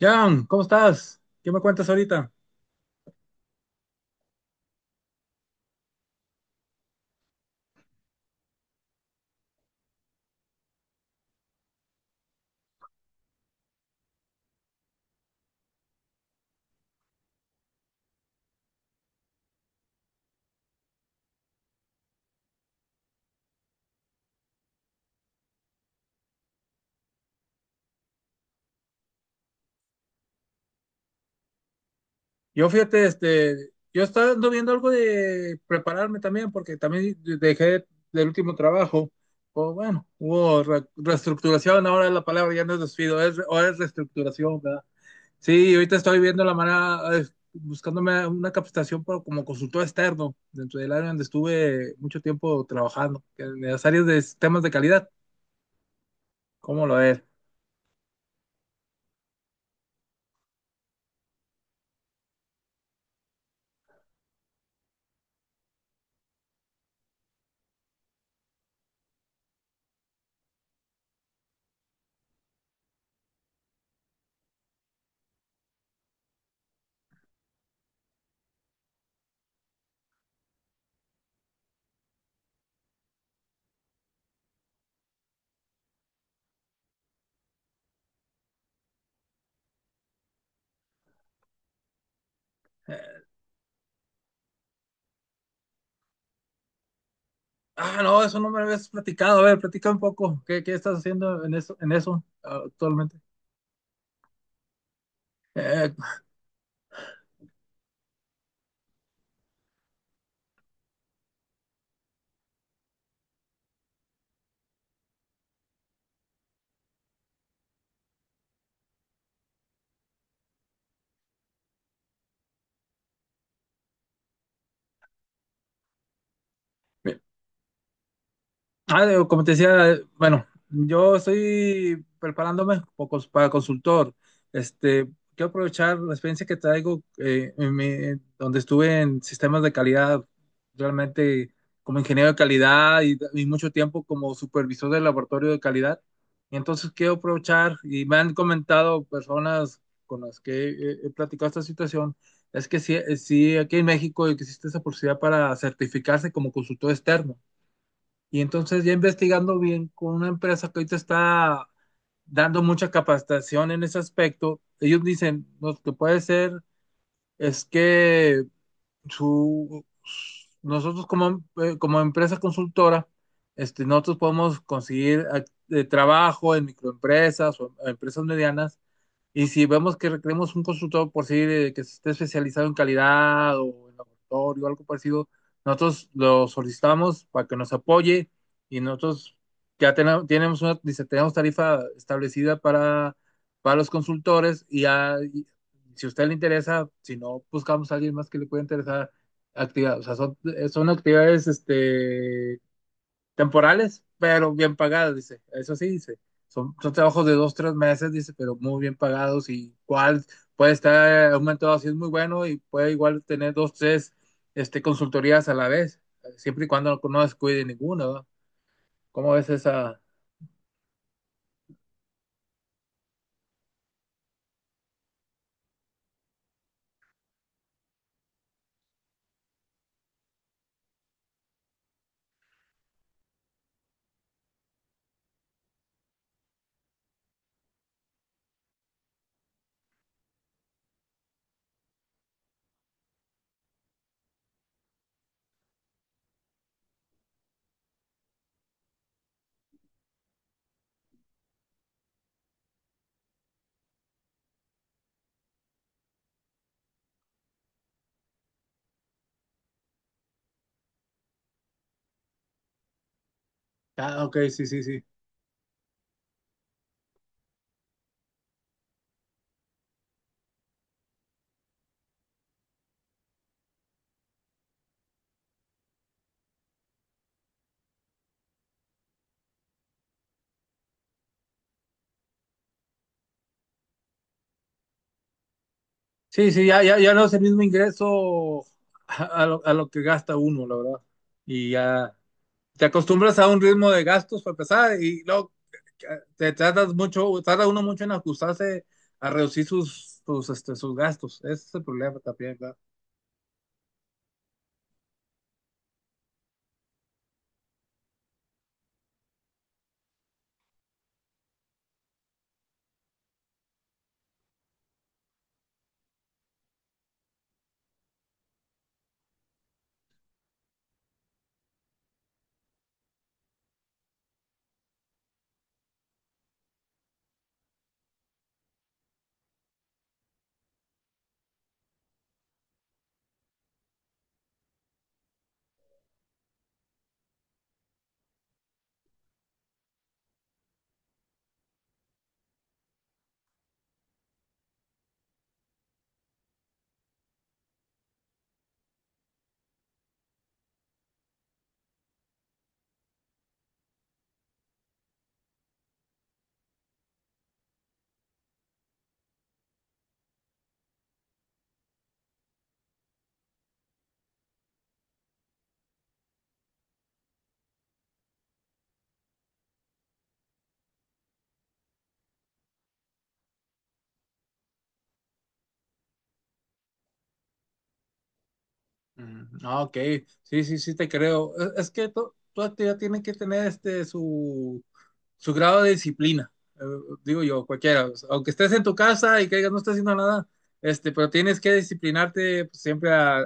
Jan, ¿cómo estás? ¿Qué me cuentas ahorita? Yo fíjate, yo estaba ando viendo algo de prepararme también, porque también dejé del último trabajo, o bueno, hubo reestructuración, ahora la palabra ya no es despido, es, ahora es reestructuración, ¿verdad? Sí, ahorita estoy viendo la manera, buscándome una capacitación como consultor externo dentro del área donde estuve mucho tiempo trabajando, que en las áreas de sistemas de calidad, ¿cómo lo es? Ah, no, eso no me lo habías platicado. A ver, platica un poco. ¿Qué estás haciendo en eso ah, actualmente? Eh, Ah, digo, como te decía, bueno, yo estoy preparándome para consultor. Este, quiero aprovechar la experiencia que traigo en donde estuve en sistemas de calidad, realmente como ingeniero de calidad y, mucho tiempo como supervisor del laboratorio de calidad. Y entonces quiero aprovechar, y me han comentado personas con las que he platicado esta situación, es que sí, sí, aquí en México existe esa posibilidad para certificarse como consultor externo. Y entonces ya investigando bien con una empresa que ahorita está dando mucha capacitación en ese aspecto, ellos dicen: "No, lo que puede ser es que su, nosotros como, como empresa consultora, nosotros podemos conseguir trabajo en microempresas o empresas medianas. Y si vemos que requeremos un consultor por sí que esté especializado en calidad o en laboratorio o algo parecido, nosotros lo solicitamos para que nos apoye y nosotros ya tenemos, tenemos una, dice, tenemos tarifa establecida para los consultores y, ya- si a usted le interesa, si no, buscamos a alguien más que le pueda interesar actividad. O sea, son, son actividades temporales, pero bien pagadas, dice. Eso sí, dice. Son, son trabajos de dos, tres meses, dice, pero muy bien pagados y cuál puede estar aumentado así es muy bueno y puede igual tener dos, tres consultorías a la vez, siempre y cuando no, no descuide ninguna, ¿verdad? ¿Cómo ves esa?" Ah, ok, sí, sí, sí. Sí, sí, ya, ya, ya no es el mismo ingreso a lo que gasta uno, la verdad. Y ya te acostumbras a un ritmo de gastos para empezar y luego eh, te tratas mucho, tarda uno mucho en ajustarse a reducir sus, sus, sus gastos. Ese es el problema también, ¿verdad? Ah, ok, sí, sí, sí te creo. Es que toda actividad tiene que tener este su, su grado de disciplina, eh, digo yo, cualquiera. O sea, aunque estés en tu casa y que digas no estás haciendo nada, pero tienes que disciplinarte pues, siempre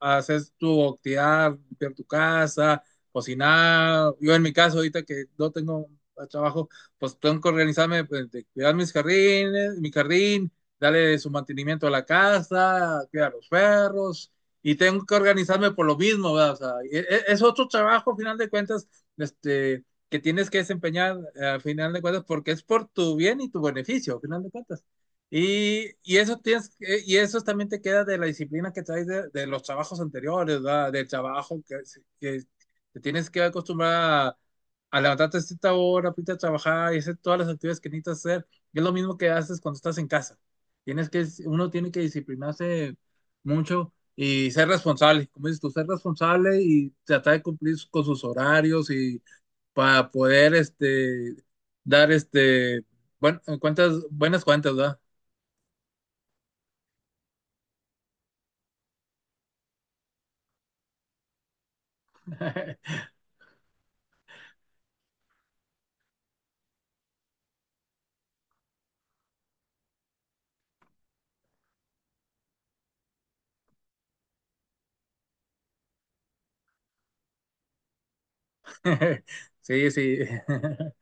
a hacer tu actividad, limpiar tu casa, cocinar. Yo en mi caso, ahorita que no tengo trabajo, pues tengo que organizarme, pues, de cuidar mis jardines, mi jardín, darle su mantenimiento a la casa, cuidar los perros y tengo que organizarme por lo mismo, ¿verdad? O sea, e, e, es, otro trabajo, al final de cuentas, este, que tienes que desempeñar, al final de cuentas, porque es por tu bien y tu beneficio, al final de cuentas. Y eso tienes, y eso también te queda de la disciplina que traes de los trabajos anteriores, ¿verdad? Del trabajo que te tienes que acostumbrar a, a levantarte a cierta hora, irte a trabajar y hacer todas las actividades que necesitas hacer. Y es lo mismo que haces cuando estás en casa. Tienes que, uno tiene que disciplinarse mucho y ser responsable, como dices tú, ser responsable y tratar de cumplir con sus horarios y para poder dar bueno, cuentas, buenas cuentas, ¿verdad? Sí, sí.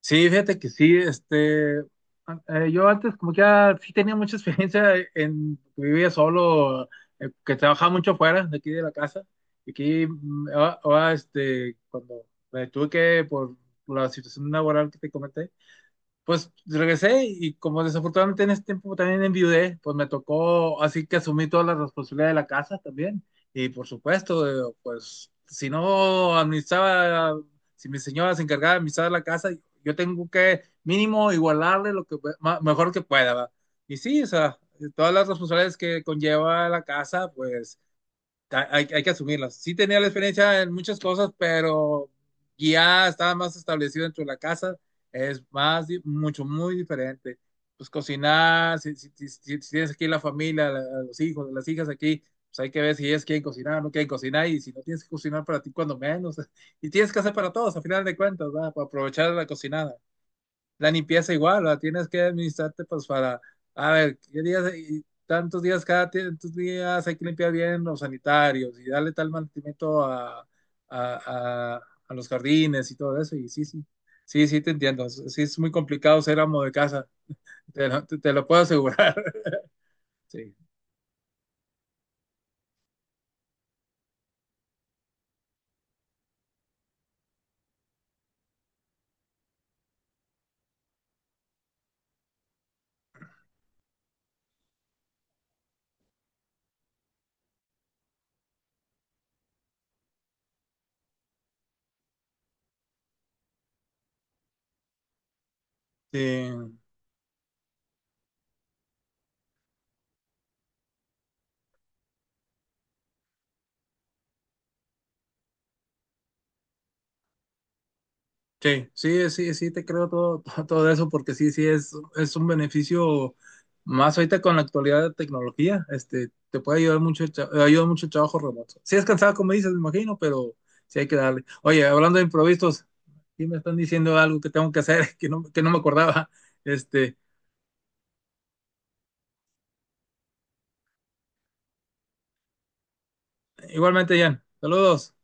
Sí, fíjate que sí, yo antes como que ya sí tenía mucha experiencia en vivía solo, que trabajaba mucho fuera de aquí de la casa y aquí ahora, ahora, cuando me tuve que por la situación laboral que te comenté. Pues regresé y como desafortunadamente en ese tiempo también enviudé, pues me tocó, así que asumí toda la responsabilidad de la casa también. Y por supuesto, pues si no administraba, si mi señora se encargaba de administrar la casa, yo tengo que mínimo igualarle lo que mejor que pueda, ¿va? Y sí, o sea, todas las responsabilidades que conlleva la casa, pues hay, hay que asumirlas. Sí tenía la experiencia en muchas cosas, pero ya estaba más establecido dentro de la casa. Es más, mucho, muy diferente. Pues cocinar, si, si tienes aquí la familia, los hijos, las hijas aquí, pues hay que ver si ellas quieren cocinar o no quieren cocinar. Y si no tienes que cocinar para ti, cuando menos. Y tienes que hacer para todos, a final de cuentas, ¿verdad? Para aprovechar la cocinada, la limpieza igual, la tienes que administrarte pues para, a ver, qué días, y tantos días cada tantos días hay que limpiar bien los sanitarios y darle tal mantenimiento a, a los jardines y todo eso. Y sí, sí, sí, sí te entiendo. Sí es muy complicado ser amo de casa, te lo, te lo puedo asegurar. Sí. Sí. Sí, sí, sí, sí, te creo todo, todo, todo eso porque sí, sí, es un beneficio más ahorita con la actualidad de tecnología, te puede ayudar mucho, el ayuda mucho el trabajo remoto. Sí es cansado, como dices, me imagino, pero sí hay que darle. Oye, hablando de improvisos, aquí me están diciendo algo que tengo que hacer, que no me acordaba. Este, igualmente, Jan, saludos.